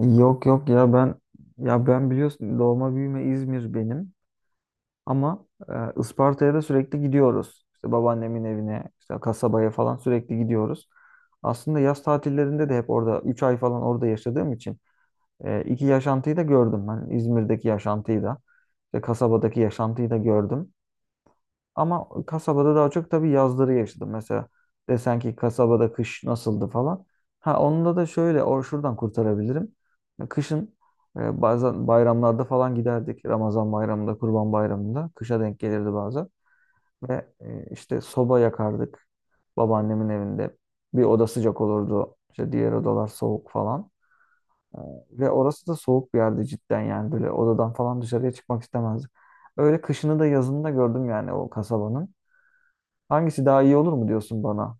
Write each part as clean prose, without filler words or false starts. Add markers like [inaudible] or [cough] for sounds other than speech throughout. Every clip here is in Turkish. Yok yok ya ben biliyorsun doğma büyüme İzmir benim ama Isparta'ya da sürekli gidiyoruz. İşte babaannemin evine, işte kasabaya falan sürekli gidiyoruz. Aslında yaz tatillerinde de hep orada 3 ay falan orada yaşadığım için iki yaşantıyı da gördüm. Hani İzmir'deki yaşantıyı da, işte kasabadaki yaşantıyı da gördüm. Ama kasabada daha çok tabii yazları yaşadım. Mesela desen ki kasabada kış nasıldı falan. Ha onunla da şöyle şuradan kurtarabilirim. Kışın bazen bayramlarda falan giderdik. Ramazan bayramında, Kurban bayramında kışa denk gelirdi bazen. Ve işte soba yakardık babaannemin evinde. Bir oda sıcak olurdu. İşte diğer odalar soğuk falan. E, Ve orası da soğuk bir yerdi cidden yani böyle odadan falan dışarıya çıkmak istemezdik. Öyle kışını da yazını da gördüm yani o kasabanın. Hangisi daha iyi olur mu diyorsun bana?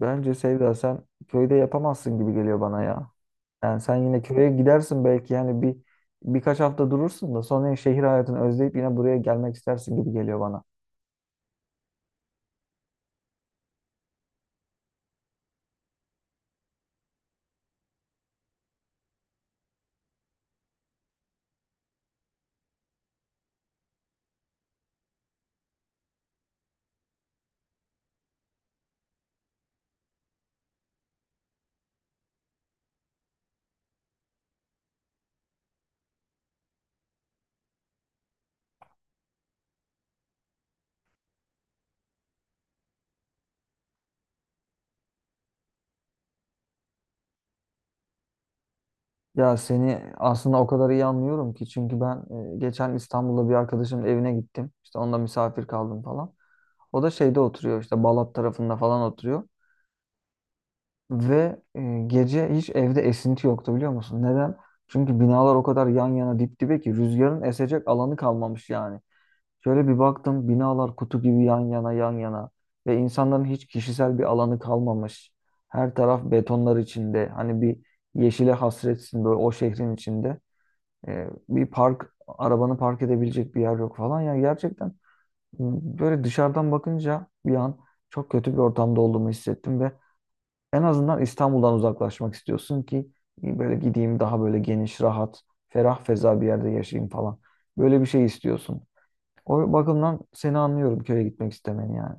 Bence Sevda sen köyde yapamazsın gibi geliyor bana ya. Yani sen yine köye gidersin belki yani birkaç hafta durursun da sonra şehir hayatını özleyip yine buraya gelmek istersin gibi geliyor bana. Ya seni aslında o kadar iyi anlıyorum ki çünkü ben geçen İstanbul'da bir arkadaşımın evine gittim. İşte onda misafir kaldım falan. O da şeyde oturuyor işte Balat tarafında falan oturuyor. Ve gece hiç evde esinti yoktu biliyor musun? Neden? Çünkü binalar o kadar yan yana dip dibe ki rüzgarın esecek alanı kalmamış yani. Şöyle bir baktım binalar kutu gibi yan yana yan yana ve insanların hiç kişisel bir alanı kalmamış. Her taraf betonlar içinde hani bir yeşile hasretsin böyle o şehrin içinde. Bir park arabanı park edebilecek bir yer yok falan ya gerçekten böyle dışarıdan bakınca bir an çok kötü bir ortamda olduğumu hissettim ve en azından İstanbul'dan uzaklaşmak istiyorsun ki böyle gideyim daha böyle geniş, rahat, ferah feza bir yerde yaşayayım falan. Böyle bir şey istiyorsun. O bakımdan seni anlıyorum köye gitmek istemeni yani.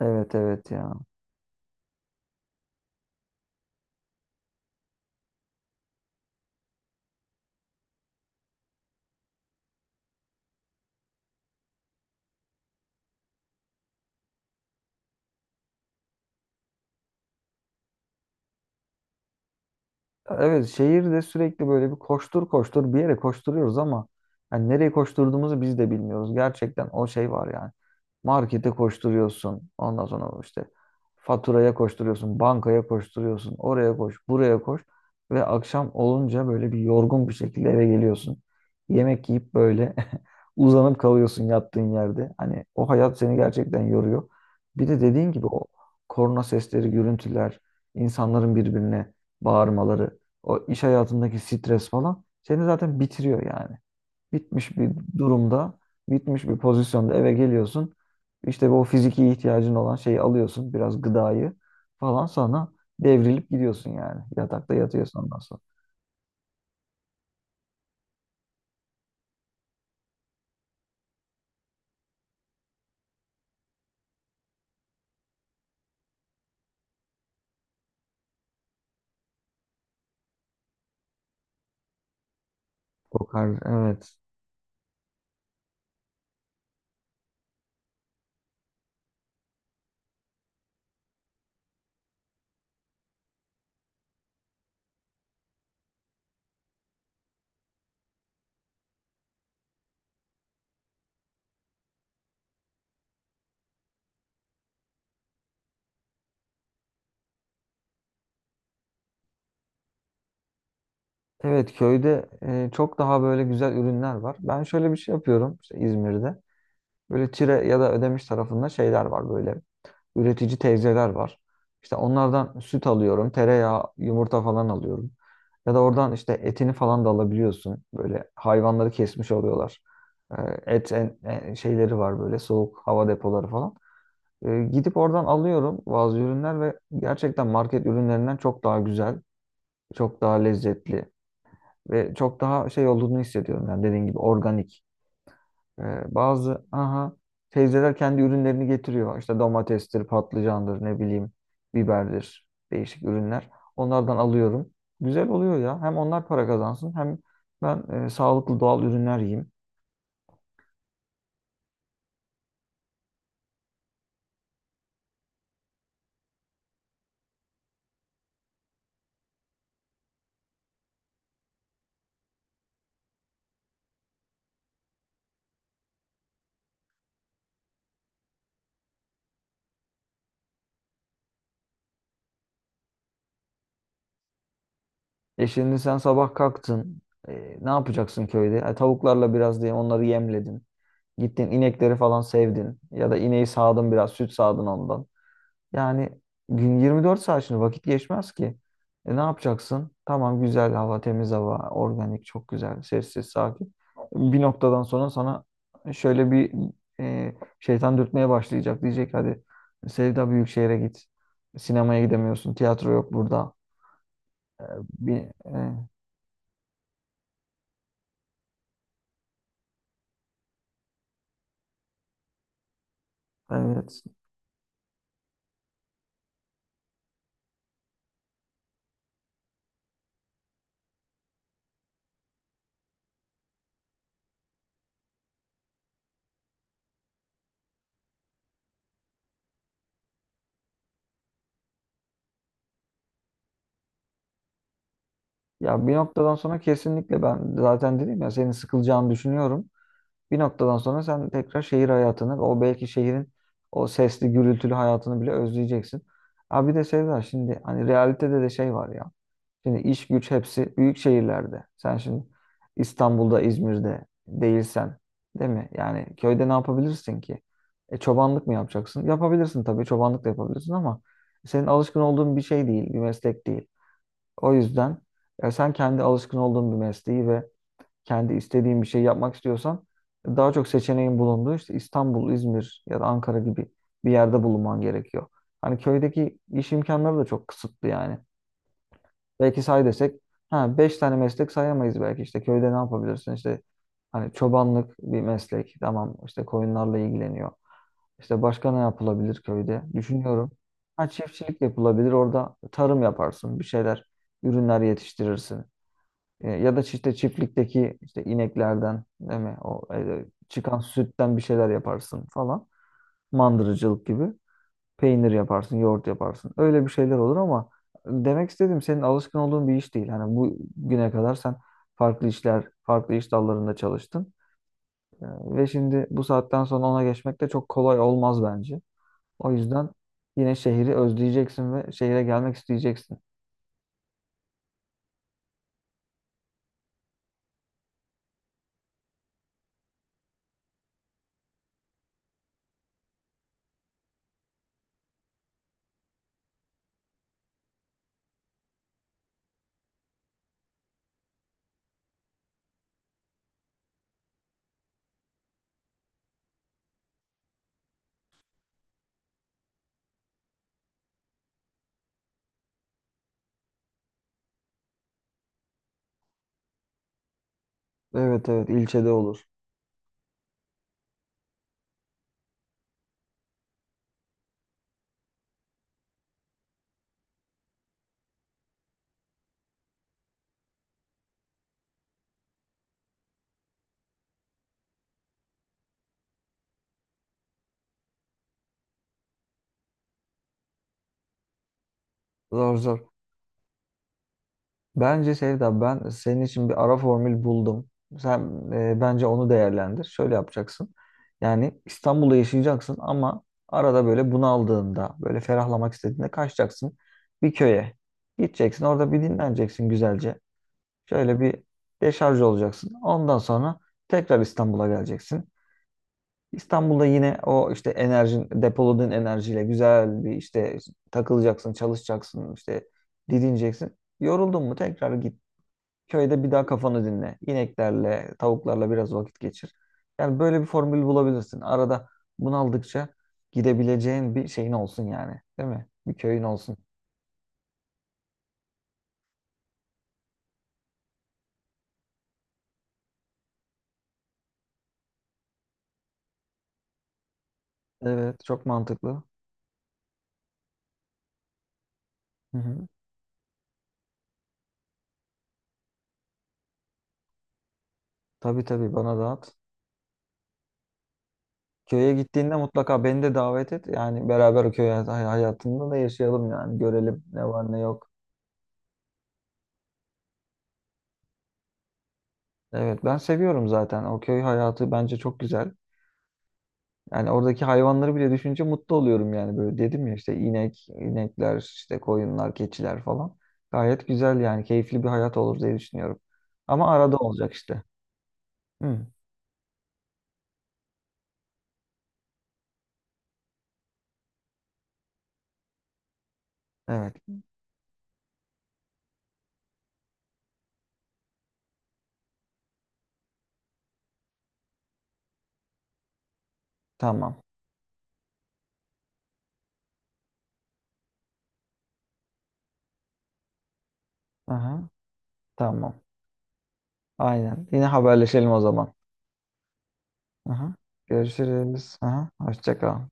Evet evet ya. Evet, şehirde sürekli böyle bir koştur koştur bir yere koşturuyoruz ama yani nereye koşturduğumuzu biz de bilmiyoruz. Gerçekten o şey var yani. Markete koşturuyorsun. Ondan sonra işte faturaya koşturuyorsun, bankaya koşturuyorsun, oraya koş, buraya koş ve akşam olunca böyle bir yorgun bir şekilde eve geliyorsun. Yemek yiyip böyle [laughs] uzanıp kalıyorsun yattığın yerde. Hani o hayat seni gerçekten yoruyor. Bir de dediğin gibi o korna sesleri, gürültüler, insanların birbirine bağırmaları, o iş hayatındaki stres falan seni zaten bitiriyor yani bitmiş bir durumda, bitmiş bir pozisyonda eve geliyorsun. İşte bu fiziki ihtiyacın olan şeyi alıyorsun, biraz gıdayı falan sonra devrilip gidiyorsun yani. Yatakta yatıyorsun ondan sonra. Kokar, evet. Evet, köyde çok daha böyle güzel ürünler var. Ben şöyle bir şey yapıyorum işte İzmir'de. Böyle Çire ya da Ödemiş tarafında şeyler var böyle. Üretici teyzeler var. İşte onlardan süt alıyorum, tereyağı, yumurta falan alıyorum. Ya da oradan işte etini falan da alabiliyorsun. Böyle hayvanları kesmiş oluyorlar. Ee, Et şeyleri var böyle soğuk hava depoları falan. Gidip oradan alıyorum bazı ürünler ve gerçekten market ürünlerinden çok daha güzel, çok daha lezzetli ve çok daha şey olduğunu hissediyorum. Yani dediğin gibi organik. Bazı aha teyzeler kendi ürünlerini getiriyor. İşte domatestir, patlıcandır, ne bileyim, biberdir, değişik ürünler. Onlardan alıyorum. Güzel oluyor ya. Hem onlar para kazansın hem ben sağlıklı doğal ürünler yiyeyim. E, şimdi sen sabah kalktın. E, ne yapacaksın köyde? E, tavuklarla biraz diye onları yemledin. Gittin inekleri falan sevdin. Ya da ineği sağdın biraz, süt sağdın ondan. Yani gün 24 saat şimdi vakit geçmez ki. E, ne yapacaksın? Tamam, güzel hava, temiz hava, organik çok güzel, sessiz, sakin. Bir noktadan sonra sana şöyle bir e, şeytan dürtmeye başlayacak. Diyecek hadi Sevda büyük şehre git. Sinemaya gidemiyorsun, tiyatro yok burada. Bir, e, evet. Ya bir noktadan sonra kesinlikle ben zaten dedim ya senin sıkılacağını düşünüyorum. Bir noktadan sonra sen tekrar şehir hayatını, o belki şehrin o sesli, gürültülü hayatını bile özleyeceksin. Abi bir de Sevda şimdi hani realitede de şey var ya. Şimdi iş güç hepsi büyük şehirlerde. Sen şimdi İstanbul'da, İzmir'de değilsen, değil mi? Yani köyde ne yapabilirsin ki? E, çobanlık mı yapacaksın? Yapabilirsin tabii, çobanlık da yapabilirsin ama senin alışkın olduğun bir şey değil, bir meslek değil. O yüzden sen kendi alışkın olduğun bir mesleği ve kendi istediğin bir şey yapmak istiyorsan daha çok seçeneğin bulunduğu işte İstanbul, İzmir ya da Ankara gibi bir yerde bulunman gerekiyor. Hani köydeki iş imkanları da çok kısıtlı yani. Belki say desek ha 5 tane meslek sayamayız belki, işte köyde ne yapabilirsin işte hani çobanlık bir meslek tamam işte koyunlarla ilgileniyor. İşte başka ne yapılabilir köyde düşünüyorum. Ha çiftçilik yapılabilir orada tarım yaparsın bir şeyler ürünler yetiştirirsin. Ya da işte çiftlikteki işte ineklerden değil mi? O çıkan sütten bir şeyler yaparsın falan. Mandırıcılık gibi. Peynir yaparsın, yoğurt yaparsın. Öyle bir şeyler olur ama demek istediğim senin alışkın olduğun bir iş değil. Hani bu güne kadar sen farklı işler, farklı iş dallarında çalıştın. E, Ve şimdi bu saatten sonra ona geçmek de çok kolay olmaz bence. O yüzden yine şehri özleyeceksin ve şehire gelmek isteyeceksin. Evet evet, ilçede olur. Zor zor. Bence Sevda ben senin için bir ara formül buldum. Sen bence onu değerlendir. Şöyle yapacaksın. Yani İstanbul'da yaşayacaksın ama arada böyle bunaldığında, böyle ferahlamak istediğinde kaçacaksın bir köye. Gideceksin orada bir dinleneceksin güzelce. Şöyle bir deşarj olacaksın. Ondan sonra tekrar İstanbul'a geleceksin. İstanbul'da yine o işte enerjin, depoladığın enerjiyle güzel bir işte takılacaksın, çalışacaksın, işte didineceksin. Yoruldun mu tekrar git. Köyde bir daha kafanı dinle. İneklerle, tavuklarla biraz vakit geçir. Yani böyle bir formül bulabilirsin. Arada bunaldıkça gidebileceğin bir şeyin olsun yani. Değil mi? Bir köyün olsun. Evet, çok mantıklı. Hı hı. Tabii tabii, bana dağıt. Köye gittiğinde mutlaka beni de davet et. Yani beraber o köy hayatında da yaşayalım yani. Görelim ne var ne yok. Evet, ben seviyorum zaten. O köy hayatı bence çok güzel. Yani oradaki hayvanları bile düşünce mutlu oluyorum yani böyle dedim ya işte inek, inekler, işte koyunlar, keçiler falan. Gayet güzel yani keyifli bir hayat olur diye düşünüyorum. Ama arada olacak işte. Hı, evet, tamam. Aha, tamam. Aynen. Yine haberleşelim o zaman. Aha, görüşürüz. Aha, hoşça kal.